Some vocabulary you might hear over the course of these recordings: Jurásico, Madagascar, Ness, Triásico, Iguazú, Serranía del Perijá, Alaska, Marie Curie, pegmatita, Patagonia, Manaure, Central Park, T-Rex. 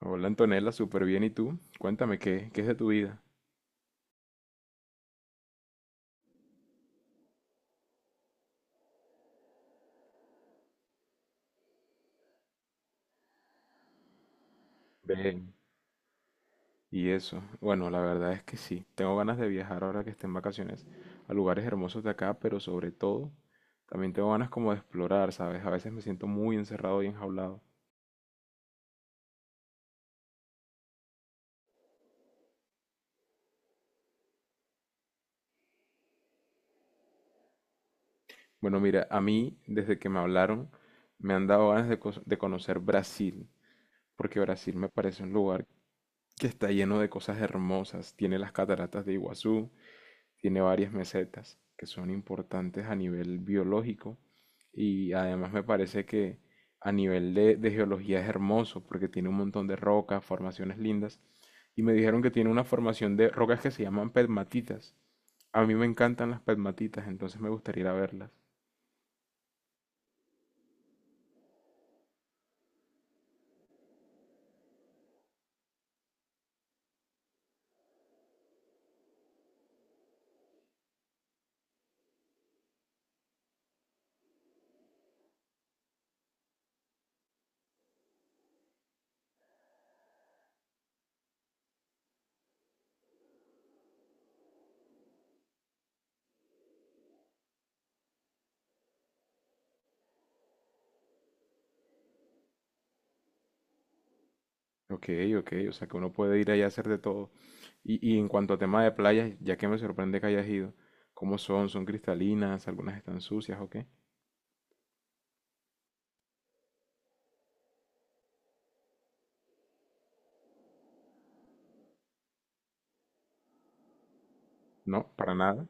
Hola Antonella, súper bien. ¿Y tú? Cuéntame, ¿qué es de tu vida? Ven. Y eso. Bueno, la verdad es que sí. Tengo ganas de viajar ahora que esté en vacaciones a lugares hermosos de acá, pero sobre todo también tengo ganas como de explorar, ¿sabes? A veces me siento muy encerrado y enjaulado. Bueno, mira, a mí desde que me hablaron me han dado ganas de conocer Brasil, porque Brasil me parece un lugar que está lleno de cosas hermosas. Tiene las cataratas de Iguazú, tiene varias mesetas que son importantes a nivel biológico y además me parece que a nivel de geología es hermoso porque tiene un montón de rocas, formaciones lindas y me dijeron que tiene una formación de rocas que se llaman pegmatitas. A mí me encantan las pegmatitas, entonces me gustaría ir a verlas. Ok, ok, o sea que uno puede ir allá a hacer de todo. Y en cuanto a tema de playas, ya que me sorprende que hayas ido, ¿cómo son? ¿Son cristalinas? ¿Algunas están sucias o qué? No, para nada.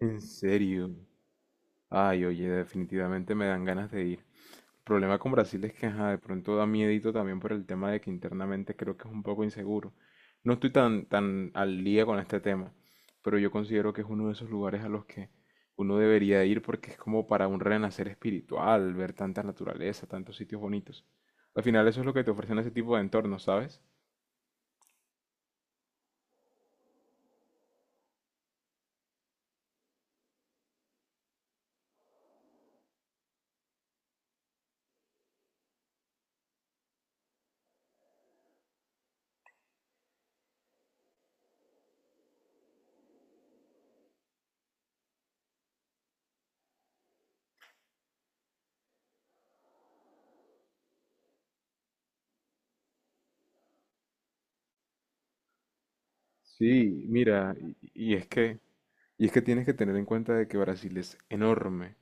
¿En serio? Ay, oye, definitivamente me dan ganas de ir. El problema con Brasil es que, ajá, de pronto da miedito también por el tema de que internamente creo que es un poco inseguro. No estoy tan, tan al día con este tema, pero yo considero que es uno de esos lugares a los que uno debería ir porque es como para un renacer espiritual, ver tanta naturaleza, tantos sitios bonitos. Al final eso es lo que te ofrecen ese tipo de entornos, ¿sabes? Sí, mira, y es que, y es que tienes que tener en cuenta de que Brasil es enorme.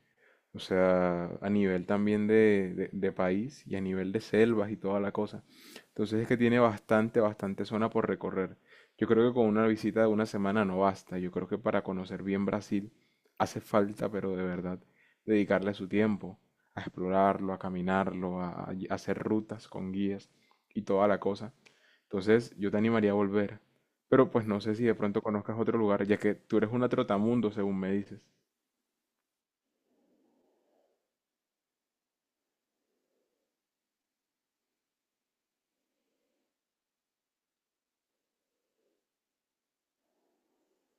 O sea, a nivel también de país y a nivel de selvas y toda la cosa. Entonces es que tiene bastante, bastante zona por recorrer. Yo creo que con una visita de una semana no basta. Yo creo que para conocer bien Brasil hace falta, pero de verdad, dedicarle su tiempo a explorarlo, a caminarlo, a hacer rutas con guías y toda la cosa. Entonces yo te animaría a volver. Pero pues no sé si de pronto conozcas otro lugar, ya que tú eres una trotamundo, según me dices.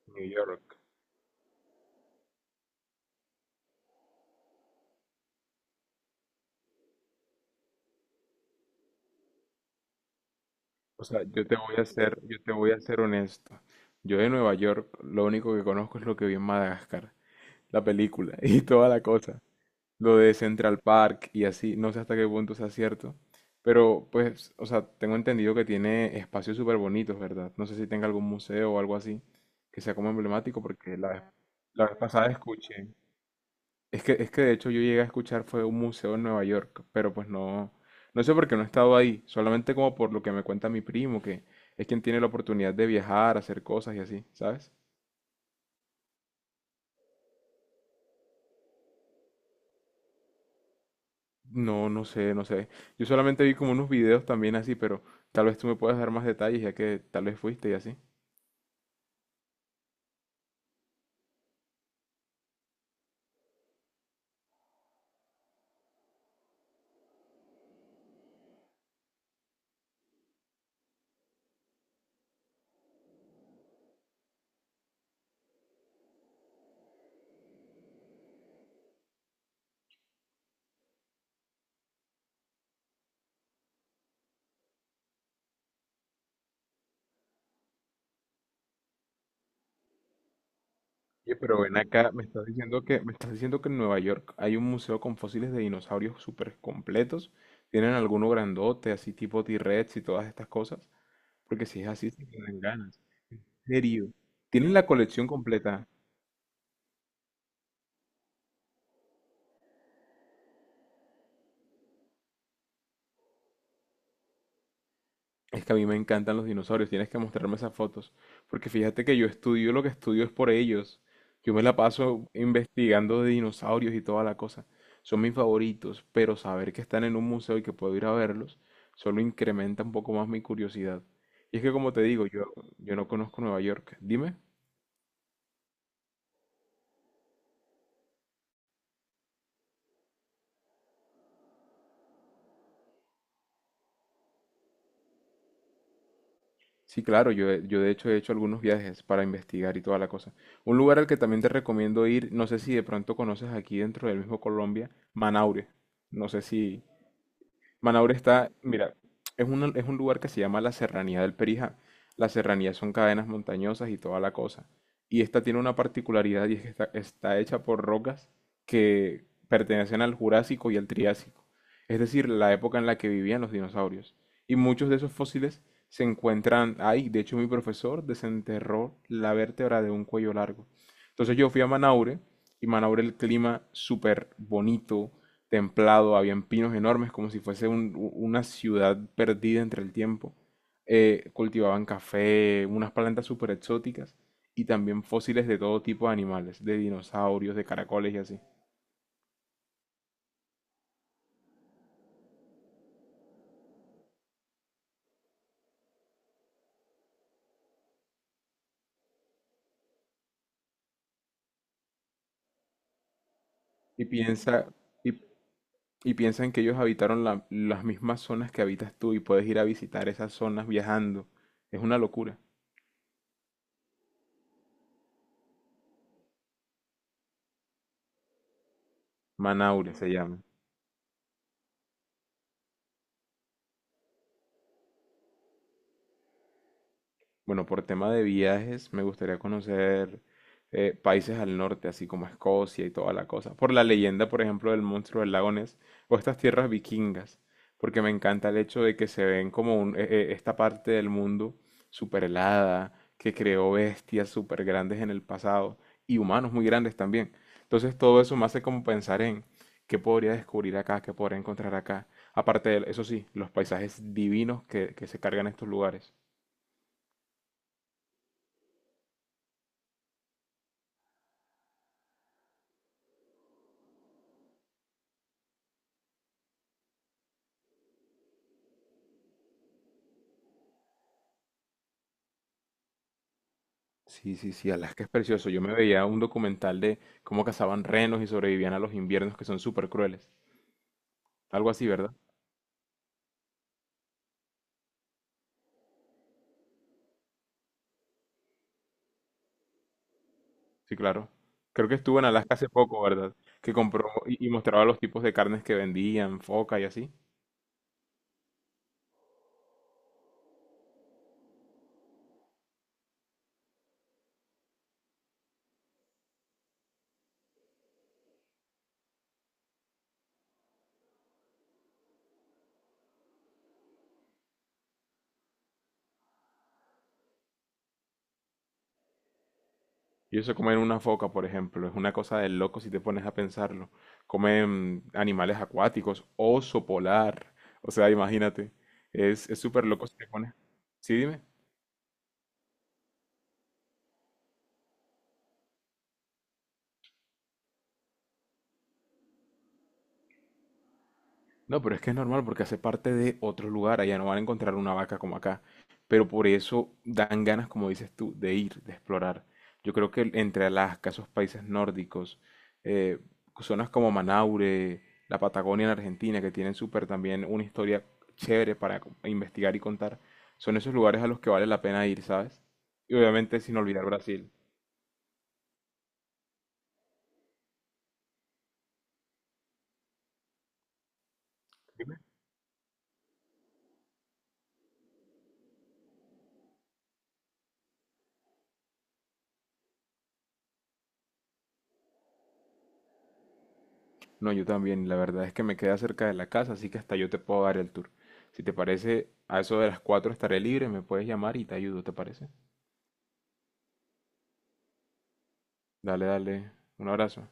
New York. O sea, yo te voy a ser, yo te voy a ser honesto. Yo de Nueva York, lo único que conozco es lo que vi en Madagascar, la película y toda la cosa. Lo de Central Park y así, no sé hasta qué punto sea cierto. Pero pues, o sea, tengo entendido que tiene espacios súper bonitos, ¿verdad? No sé si tenga algún museo o algo así que sea como emblemático, porque la vez pasada escuché. Es que de hecho yo llegué a escuchar fue un museo en Nueva York, pero pues no, no sé por qué no he estado ahí, solamente como por lo que me cuenta mi primo, que es quien tiene la oportunidad de viajar, hacer cosas y así, ¿sabes? No, no sé, no sé. Yo solamente vi como unos videos también así, pero tal vez tú me puedas dar más detalles ya que tal vez fuiste y así. Oye, pero ven acá, me estás diciendo que, me estás diciendo que en Nueva York hay un museo con fósiles de dinosaurios súper completos. ¿Tienen alguno grandote, así tipo T-Rex y todas estas cosas? Porque si es así, sí me dan ganas. ¿Serio? ¿Tienen la colección completa? Es que a mí me encantan los dinosaurios, tienes que mostrarme esas fotos, porque fíjate que yo estudio lo que estudio es por ellos. Yo me la paso investigando de dinosaurios y toda la cosa. Son mis favoritos, pero saber que están en un museo y que puedo ir a verlos solo incrementa un poco más mi curiosidad. Y es que como te digo, yo no conozco Nueva York. Dime. Sí, claro, yo, yo de hecho he hecho algunos viajes para investigar y toda la cosa. Un lugar al que también te recomiendo ir, no sé si de pronto conoces aquí dentro del mismo Colombia, Manaure. No sé si, Manaure está, mira, es un lugar que se llama la Serranía del Perijá. Las serranías son cadenas montañosas y toda la cosa. Y esta tiene una particularidad y es que está, está hecha por rocas que pertenecen al Jurásico y al Triásico, es decir, la época en la que vivían los dinosaurios. Y muchos de esos fósiles se encuentran ahí. De hecho, mi profesor desenterró la vértebra de un cuello largo. Entonces yo fui a Manaure y Manaure el clima súper bonito, templado, habían pinos enormes, como si fuese una ciudad perdida entre el tiempo. Cultivaban café, unas plantas súper exóticas y también fósiles de todo tipo de animales, de dinosaurios, de caracoles y así. Y piensa, y, y piensan que ellos habitaron las mismas zonas que habitas tú y puedes ir a visitar esas zonas viajando. Es una locura. Manaure se llama. Bueno, por tema de viajes, me gustaría conocer países al norte, así como Escocia y toda la cosa. Por la leyenda, por ejemplo, del monstruo del lago Ness o estas tierras vikingas, porque me encanta el hecho de que se ven como esta parte del mundo súper helada, que creó bestias súper grandes en el pasado y humanos muy grandes también. Entonces todo eso me hace como pensar en qué podría descubrir acá, qué podría encontrar acá. Aparte de, eso sí, los paisajes divinos que se cargan estos lugares. Sí, sí, sí, Alaska es precioso. Yo me veía un documental de cómo cazaban renos y sobrevivían a los inviernos que son súper crueles. Algo así, ¿verdad? Sí, claro. Creo que estuvo en Alaska hace poco, ¿verdad? Que compró y mostraba los tipos de carnes que vendían, foca y así. Y eso comen una foca, por ejemplo, es una cosa de loco si te pones a pensarlo. Comen animales acuáticos, oso polar. O sea, imagínate. Es súper loco si te pones. Sí, dime. No, pero es que es normal porque hace parte de otro lugar, allá no van a encontrar una vaca como acá, pero por eso dan ganas, como dices tú, de ir, de explorar. Yo creo que entre Alaska, esos países nórdicos, eh, zonas como Manaure, la Patagonia en Argentina, que tienen súper también una historia chévere para investigar y contar, son esos lugares a los que vale la pena ir, ¿sabes? Y obviamente sin olvidar Brasil. No, yo también. La verdad es que me queda cerca de la casa, así que hasta yo te puedo dar el tour. Si te parece, a eso de las 4 estaré libre, me puedes llamar y te ayudo, ¿te parece? Dale, dale. Un abrazo.